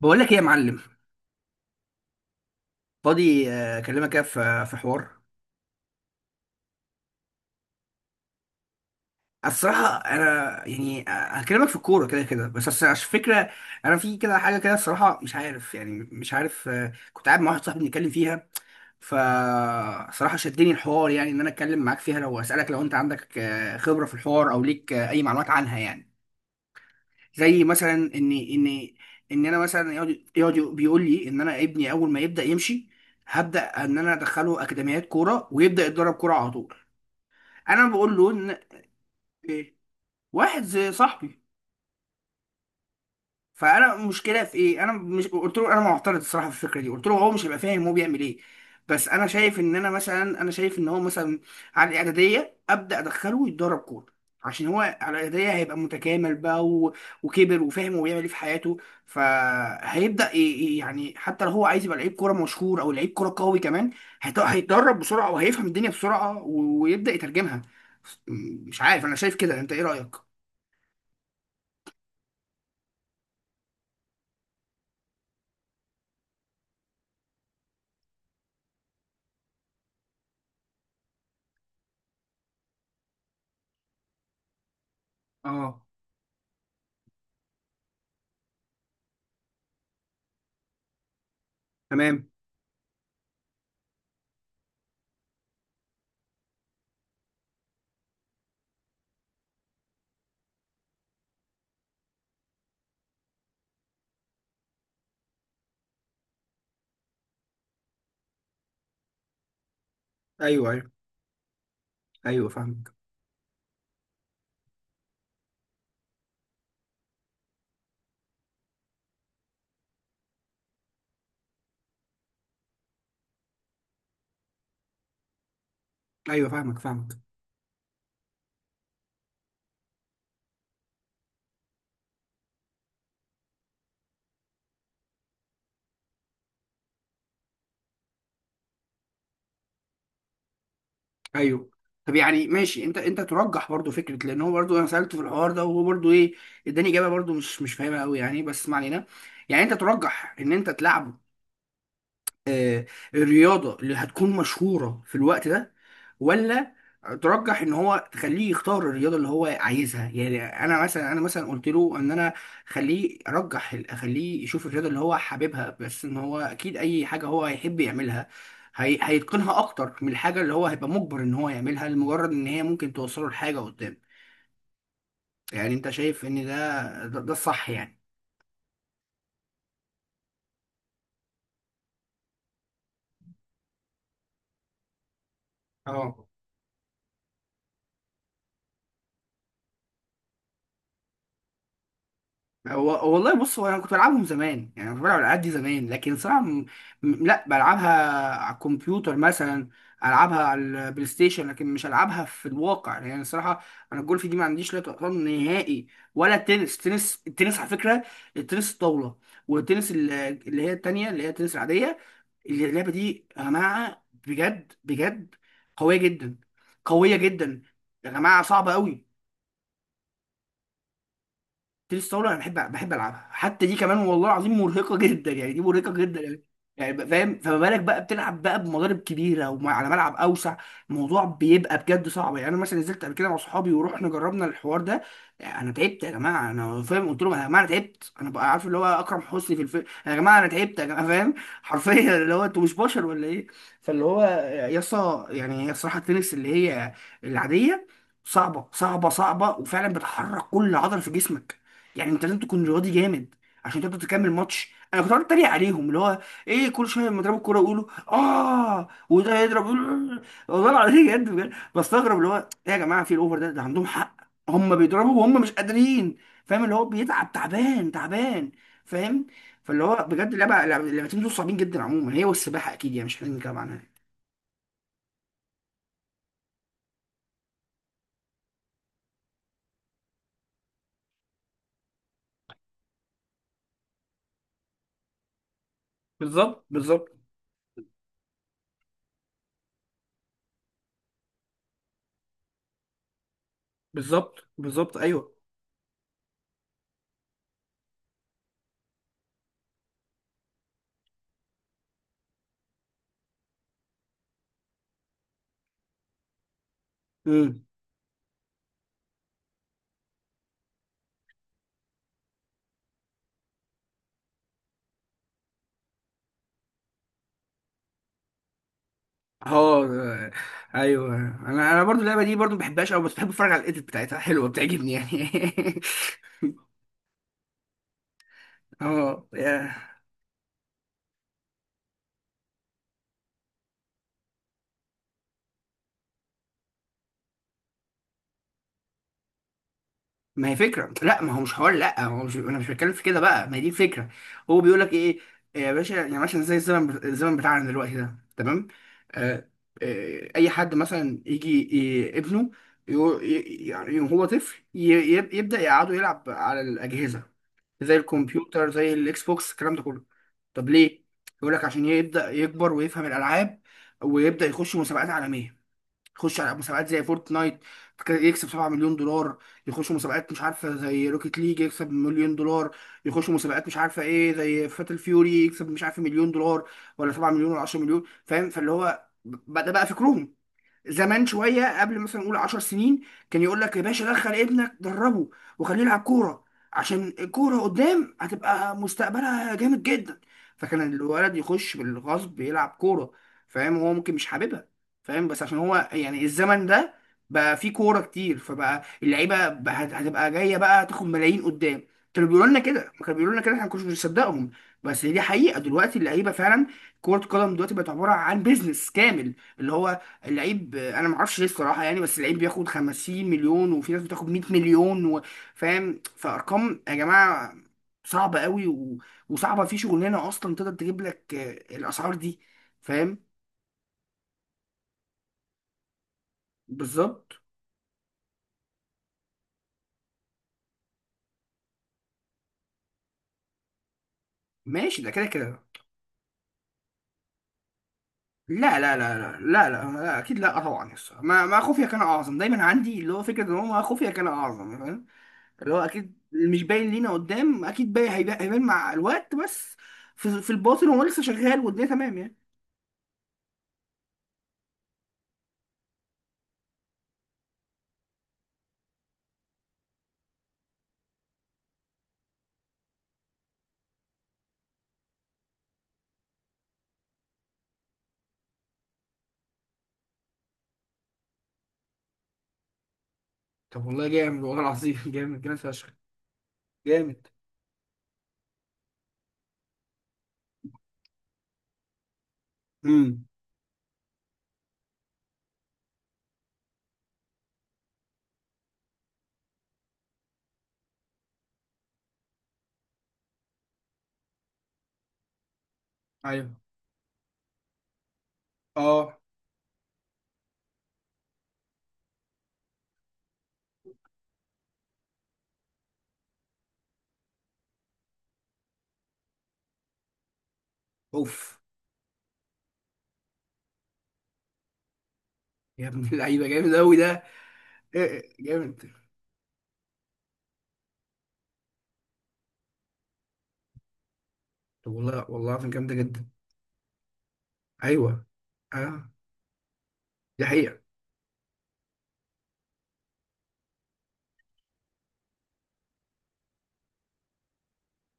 بقول لك ايه يا معلم؟ فاضي؟ اكلمك كده في حوار. الصراحه انا، يعني هكلمك في الكوره كده كده، بس أصل عشان فكره. انا في كده حاجه كده، الصراحه مش عارف، كنت قاعد مع واحد صاحبي بنتكلم فيها. فصراحه شدني الحوار، يعني ان انا اتكلم معاك فيها. لو اسالك، لو انت عندك خبره في الحوار، او ليك اي معلومات عنها يعني. زي مثلا ان انا مثلا، يقعد بيقول لي ان انا ابني اول ما يبدا يمشي هبدا ان انا ادخله اكاديميات كوره، ويبدا يتدرب كوره على طول. انا بقول له ان، إيه؟ واحد زي صاحبي. فانا المشكله في ايه، انا مش قلت له انا معترض الصراحه في الفكره دي، قلت له هو مش هيبقى فاهم هو بيعمل ايه. بس انا شايف ان انا مثلا، انا شايف ان هو مثلا على الاعداديه ابدا ادخله يتدرب كوره، عشان هو على الاعداديه هيبقى متكامل بقى. وكبر وفاهم هو بيعمل ايه في حياته، فهيبدا يعني حتى لو هو عايز يبقى لعيب كوره مشهور، او لعيب كوره قوي كمان، هيتدرب بسرعه وهيفهم الدنيا بسرعه، ويبدا يترجمها. مش عارف، انا شايف كده. انت ايه رايك؟ اه، تمام. ايوه، ايوه، ايوه فاهمك. ايوه فاهمك فاهمك. ايوه. طب يعني ماشي، انت ترجح برضو فكره، لان هو برضو انا سالته في الحوار ده وهو برضو ايه، اداني اجابه برضو مش فاهمها قوي يعني، بس ما علينا. يعني انت ترجح ان انت تلعبه آه، الرياضة اللي هتكون مشهورة في الوقت ده، ولا ترجح ان هو تخليه يختار الرياضة اللي هو عايزها؟ يعني انا مثلا، انا مثلا قلت له ان انا خليه، ارجح اخليه يشوف الرياضة اللي هو حاببها، بس ان هو اكيد اي حاجة هو هيحب يعملها هيتقنها اكتر من الحاجة اللي هو هيبقى مجبر ان هو يعملها، لمجرد ان هي ممكن توصله لحاجة قدام. يعني انت شايف ان ده الصح يعني؟ اه. هو والله بص، هو انا كنت بلعبهم زمان، يعني كنت بلعب الالعاب دي زمان، لكن صراحه، لا بلعبها على الكمبيوتر مثلا، العبها على البلاي ستيشن، لكن مش العبها في الواقع يعني الصراحه. انا الجولف دي ما عنديش لا طقطان نهائي، ولا التنس. التنس التنس على فكره، التنس الطاوله، والتنس ال- اللي هي التانيه، اللي هي التنس العاديه، اللعبه دي يا جماعه بجد بجد قويه جدا، قويه جدا. يا جماعه صعبه قوي. تنس طاوله انا بحب، العبها حتى دي كمان، والله العظيم مرهقه جدا يعني، دي مرهقه جدا يعني. يعني فاهم؟ فما بالك بقى بتلعب بقى بمضارب كبيره وعلى ملعب اوسع، الموضوع بيبقى بجد صعب يعني. انا مثلا نزلت قبل كده مع صحابي ورحنا جربنا الحوار ده، انا تعبت يا جماعه انا، فاهم؟ قلت لهم يا جماعه انا تعبت، انا بقى عارف اللي هو اكرم حسني في الفيلم، يا جماعه انا تعبت يا جماعه، فاهم حرفيا اللي هو انتوا مش بشر ولا ايه. فاللي هو يا اسطى يعني، هي الصراحه التنس اللي هي العاديه صعبه صعبه صعبه، وفعلا بتحرك كل عضله في جسمك. يعني انت لازم تكون رياضي جامد عشان تقدر تكمل ماتش. انا كنت قاعد اتريق عليهم، اللي هو ايه، كل شويه لما يضربوا الكوره يقولوا اه، وده يضرب يقولوا آه. والله العظيم بجد بجد بستغرب، اللي هو ايه يا جماعه، في الاوفر ده عندهم حق، هم بيضربوا وهم مش قادرين. فاهم؟ اللي هو بيتعب، تعبان تعبان. فاهم؟ فاللي هو بجد اللعبه، اللعبتين دول صعبين جدا عموما، هي والسباحه اكيد، يعني مش محتاجين نتكلم عنها. بالظبط، بالظبط، بالظبط، بالظبط. ايوه. مم. اه ده- ايوه، انا برضو اللعبه دي برضو ما بحبهاش قوي، بس بحب اتفرج على الايديت بتاعتها، حلوه بتعجبني يعني. اه يا- ما هي فكره، لا ما هو مش حوار، لا هو مش، انا مش بتكلم في كده بقى، ما هي دي الفكره. هو بيقول لك ايه يا باشا، يعني مثلا زي الزمن، بتاعنا دلوقتي ده تمام، آه اي حد مثلا يجي ابنه، يو- ي- يعني هو طفل، يبدا يقعده يلعب على الاجهزه، زي الكمبيوتر زي الاكس بوكس الكلام ده كله. طب ليه؟ يقول لك عشان يبدأ يكبر ويفهم الألعاب، ويبدأ يخش مسابقات عالمية، يخش على مسابقات زي فورتنايت، يكسب 7 مليون دولار، يخش مسابقات مش عارفة زي روكيت ليج يكسب مليون دولار، يخش مسابقات مش عارفة ايه زي فاتل فيوري يكسب مش عارف مليون دولار ولا 7 مليون ولا 10 مليون. فاهم؟ ده بقى فكرهم. زمان شويه قبل، مثلا نقول 10 سنين، كان يقول لك يا باشا دخل ابنك دربه وخليه يلعب كوره، عشان الكوره قدام هتبقى مستقبلها جامد جدا. فكان الولد يخش بالغصب يلعب كوره، فاهم؟ هو ممكن مش حاببها، فاهم؟ بس عشان هو يعني، الزمن ده بقى فيه كوره كتير، فبقى اللعيبه بقى هتبقى جايه بقى تاخد ملايين قدام. كانوا بيقولوا لنا كده، كانوا بيقولوا لنا كده احنا ما كناش بنصدقهم، بس دي حقيقه دلوقتي اللعيبه فعلا. كرة القدم دلوقتي بقت عبارة عن بيزنس كامل، اللي هو اللعيب، انا ما اعرفش ليه الصراحه يعني، بس اللعيب بياخد 50 مليون، وفي ناس بتاخد 100 مليون فاهم؟ فارقام يا جماعه صعبه قوي، وصعبه في شغلانه اصلا تقدر تجيب لك الاسعار دي. فاهم؟ بالظبط. ماشي، ده كده كده. لا لا لا لا لا لا, لا اكيد لا طبعا. يس، ما خفيا كان اعظم دايما عندي، اللي هو فكره ان هو ما خفيا كان اعظم. فاهم؟ اللي هو اكيد اللي مش باين لينا قدام اكيد باين هيبان، هيبان مع الوقت، بس في الباطن هو لسه شغال، والدنيا تمام يعني. طب والله جامد، والله العظيم جامد جامد فشخ. جامد. امم. ايوه. اه. اوف. يا ابن اللعيبه جامد قوي ده. إيه إيه، جامد. طب والله، والله العظيم جامده جدا. ايوه. اه. دي حقيقه.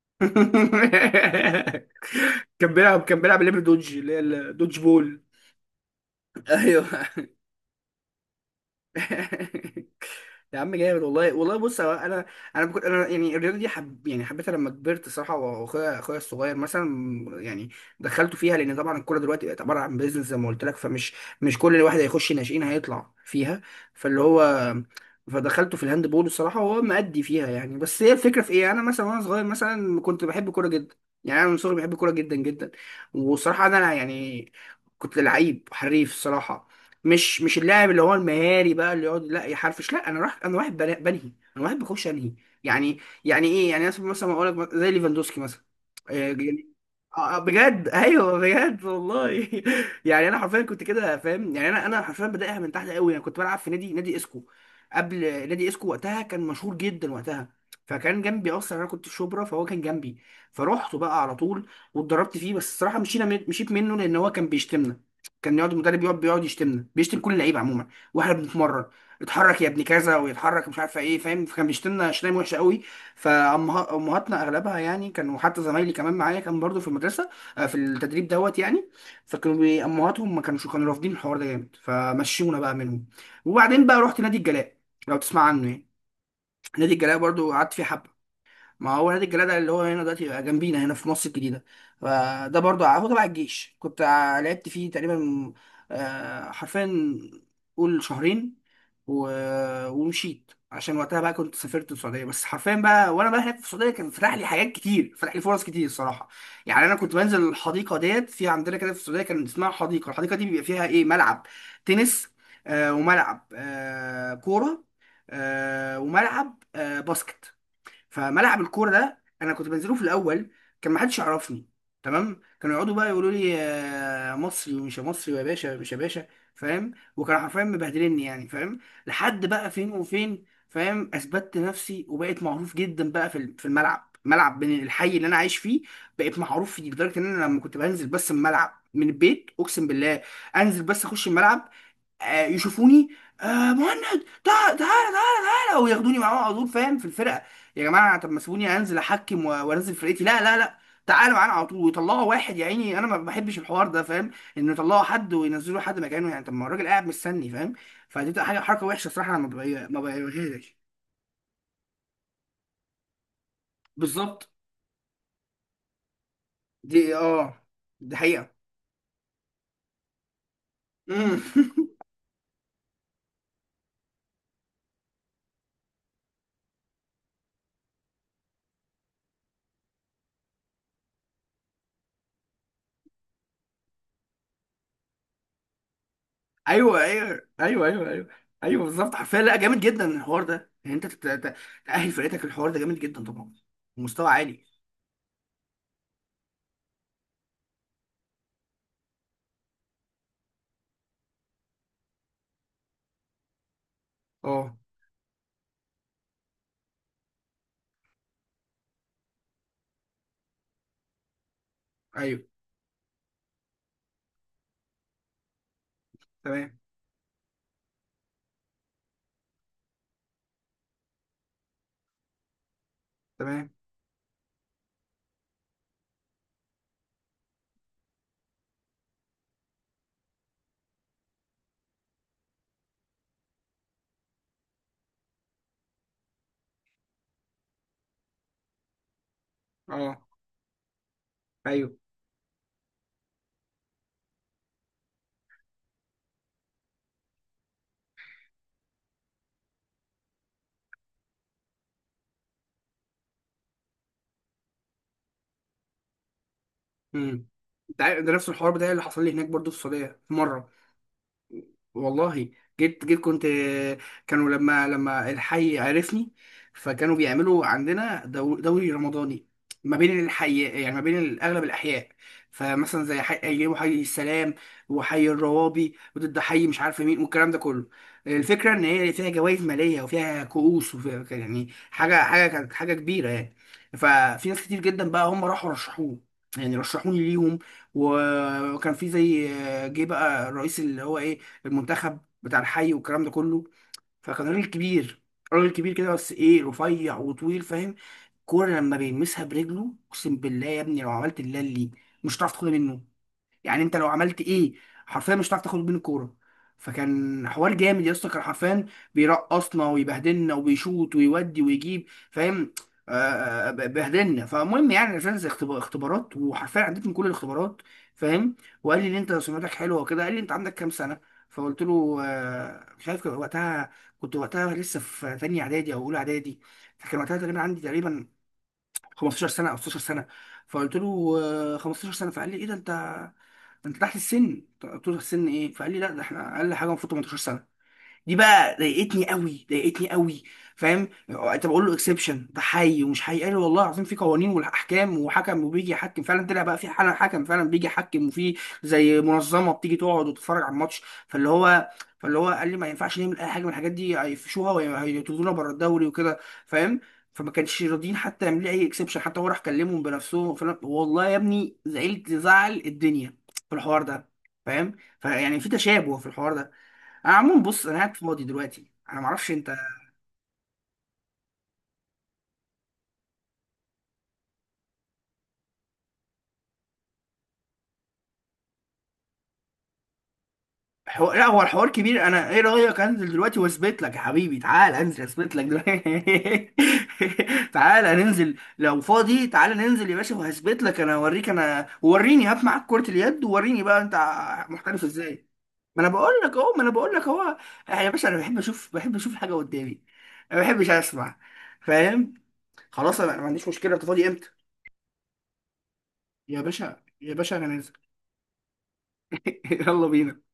كان بيلعب، كان بيلعب لعبه دوج، اللي هي الدوج بول. ايوه. يا عم جامد، والله والله بص، هو انا انا بكون انا يعني الرياضه دي حب، يعني حبيتها لما كبرت صراحه. اخويا الصغير مثلا، يعني دخلته فيها، لان طبعا الكوره دلوقتي بقت عباره عن بيزنس زي ما قلت لك، مش كل الواحد هيخش ناشئين هيطلع فيها. فاللي هو فدخلته في الهاند بول الصراحه، وهو مأدي فيها يعني. بس هي الفكره في ايه، انا مثلا وانا صغير مثلا كنت بحب الكوره جدا، يعني انا من صغري بحب الكوره جدا جدا. وصراحه انا، يعني كنت لعيب حريف الصراحه، مش اللاعب اللي هو المهاري بقى، اللي يقعد لا يحرفش، لا، انا راح، انا واحد بنهي، انا واحد بخش انهي يعني. يعني ايه يعني، مثلا مثلا اقول لك زي ليفاندوسكي مثلا، يعني. بجد ايوه بجد والله. يعني انا حرفيا كنت كده، فاهم؟ يعني انا حرفيا بدايها من تحت قوي، انا كنت بلعب في نادي اسكو قبل. نادي اسكو وقتها كان مشهور جدا وقتها، فكان جنبي، اصلا انا كنت في شبرا فهو كان جنبي، فروحته بقى على طول واتدربت فيه. بس الصراحه مشينا، مشيت منه لان هو كان بيشتمنا، كان يقعد المدرب يقعد يشتمنا، بيشتم كل اللعيبه عموما واحنا بنتمرن. اتحرك يا ابن كذا ويتحرك مش عارفه ايه، فاهم؟ فكان بيشتمنا شتايم وحشه قوي، فامهاتنا اغلبها يعني كانوا، حتى زمايلي كمان معايا كان برضو في المدرسه، في التدريب دوت يعني، امهاتهم ما كانوش، كانوا رافضين الحوار ده جامد، فمشونا بقى منهم. وبعدين بقى رحت نادي الجلاء، لو تسمع عنه يعني. نادي الجلاء برضو قعدت فيه حبه. ما هو نادي الجلالة اللي هو هنا دلوقتي بقى جنبينا هنا في مصر الجديدة. فده برضه هو تبع الجيش، كنت لعبت فيه تقريبا حرفيا قول شهرين، ومشيت عشان وقتها بقى كنت سافرت السعودية. بس حرفيا بقى وانا بقى هناك في السعودية، كان فتح لي حاجات كتير، فتح لي فرص كتير الصراحة. يعني انا كنت بنزل الحديقة ديت في عندنا كده في السعودية، كان اسمها حديقة، الحديقة دي بيبقى فيها ايه، ملعب تنس، وملعب كورة، وملعب باسكت. فملعب الكوره ده انا كنت بنزله في الاول كان ما حدش يعرفني، تمام؟ كانوا يقعدوا بقى يقولوا لي يا مصري ومش يا مصري، ويا باشا مش يا باشا، فاهم؟ وكانوا حرفيا مبهدلني يعني، فاهم؟ لحد بقى فين وفين، فاهم؟ اثبتت نفسي وبقيت معروف جدا بقى في الملعب، ملعب بين الحي اللي انا عايش فيه. بقيت معروف فيه لدرجه ان انا لما كنت بنزل بس الملعب من البيت، اقسم بالله انزل بس اخش الملعب، يشوفوني، آه مهند تعال تعال تعال تعال، وياخدوني معاهم على طول، فاهم؟ في الفرقه. يا جماعه طب ما سيبوني انزل احكم وانزل فرقتي. لا لا لا، تعالوا معانا على طول، ويطلعوا واحد يا عيني، انا ما بحبش الحوار ده، فاهم؟ انه يطلعوا حد وينزلوا حد مكانه يعني، طب ما هو الراجل قاعد مستني، فاهم؟ فدي بتبقى حاجه، حركه وحشه صراحه، انا ما بغيرش. بالظبط. دي اه، دي حقيقه. مم. ايوه ايوه ايوه ايوه ايوه. ايوه بالظبط، حرفيا. لا جامد جدا الحوار ده، يعني انت تأهل فرقتك الحوار ده جامد جدا طبعا. مستوى عالي. اه. ايوه تمام تمام. اه. ايوه. امم. ده نفس الحوار بتاعي اللي حصل لي هناك برضو في السعوديه في مره. والله جيت كنت، كانوا لما الحي عرفني، فكانوا بيعملوا عندنا دوري رمضاني ما بين الحي، يعني ما بين اغلب الاحياء. فمثلا زي حي، ايام حي السلام وحي الروابي، وضد حي مش عارف مين، والكلام ده كله. الفكره ان هي فيها جوائز ماليه وفيها كؤوس، وفيها يعني حاجه، كانت حاجه كبيره يعني. ففي ناس كتير جدا بقى هم راحوا رشحوه، يعني رشحوني ليهم. وكان في زي، جه بقى الرئيس اللي هو ايه، في المنتخب بتاع الحي والكلام ده كله. فكان راجل كبير، راجل كبير كده، بس ايه، رفيع وطويل، فاهم؟ الكوره لما بيلمسها برجله اقسم بالله يا ابني، لو عملت اللي، مش هتعرف تاخدها منه. يعني انت لو عملت ايه حرفيا مش هتعرف تاخد بين الكوره. فكان حوار جامد يا اسطى، كان حرفيا بيرقصنا ويبهدلنا، وبيشوط ويودي ويجيب، فاهم؟ بهدلنا. فالمهم يعني عشان زي اختبارات، وحرفيا عديت من كل الاختبارات، فاهم؟ وقال لي ان انت سمعتك حلوه وكده، قال لي انت عندك كام سنه؟ فقلت له مش عارف كان وقتها، كنت وقتها لسه في تانية اعدادي او اولى اعدادي، فكان وقتها تقريبا عندي تقريبا 15 سنه او 16 سنه. فقلت له 15 سنه، فقال لي ايه ده انت، انت تحت السن. قلت له السن ايه؟ فقال لي لا ده احنا اقل حاجه المفروض 18 سنه. دي بقى ضايقتني قوي، ضايقتني قوي، فاهم؟ طب اقول له اكسبشن، ده حي ومش حي، قال لي والله العظيم في قوانين والاحكام، وحكم وبيجي يحكم فعلا، طلع بقى في حالا حكم فعلا بيجي يحكم، وفي زي منظمه بتيجي تقعد وتتفرج على الماتش. فاللي هو، فاللي هو قال لي ما ينفعش نعمل اي حاجه من الحاجات دي، هيفشوها وهيطردونا بره الدوري وكده، فاهم؟ فما كانش راضيين حتى يعملوا لي اي اكسبشن، حتى هو راح كلمهم بنفسهم. والله يا ابني زعلت زعل الدنيا في الحوار ده، فاهم؟ فيعني في تشابه في الحوار ده. انا عموما بص، انا قاعد فاضي دلوقتي، انا معرفش انت. لا هو الحوار كبير، انا ايه رايك انزل دلوقتي واثبت لك يا حبيبي، تعال انزل اثبت لك دلوقتي. تعال ننزل لو فاضي، تعال ننزل يا باشا وهثبت لك انا، اوريك انا، وريني، هات معاك كرة اليد ووريني بقى انت محترف ازاي. ما انا بقول لك اهو، ما انا بقول لك اهو. اه يا باشا، انا بحب اشوف، بحب اشوف حاجه قدامي، ما بحبش اسمع، فاهم؟ خلاص، انا ما عنديش مشكله، انت فاضي امتى؟ يا باشا يا باشا انا نازل. يلا بينا.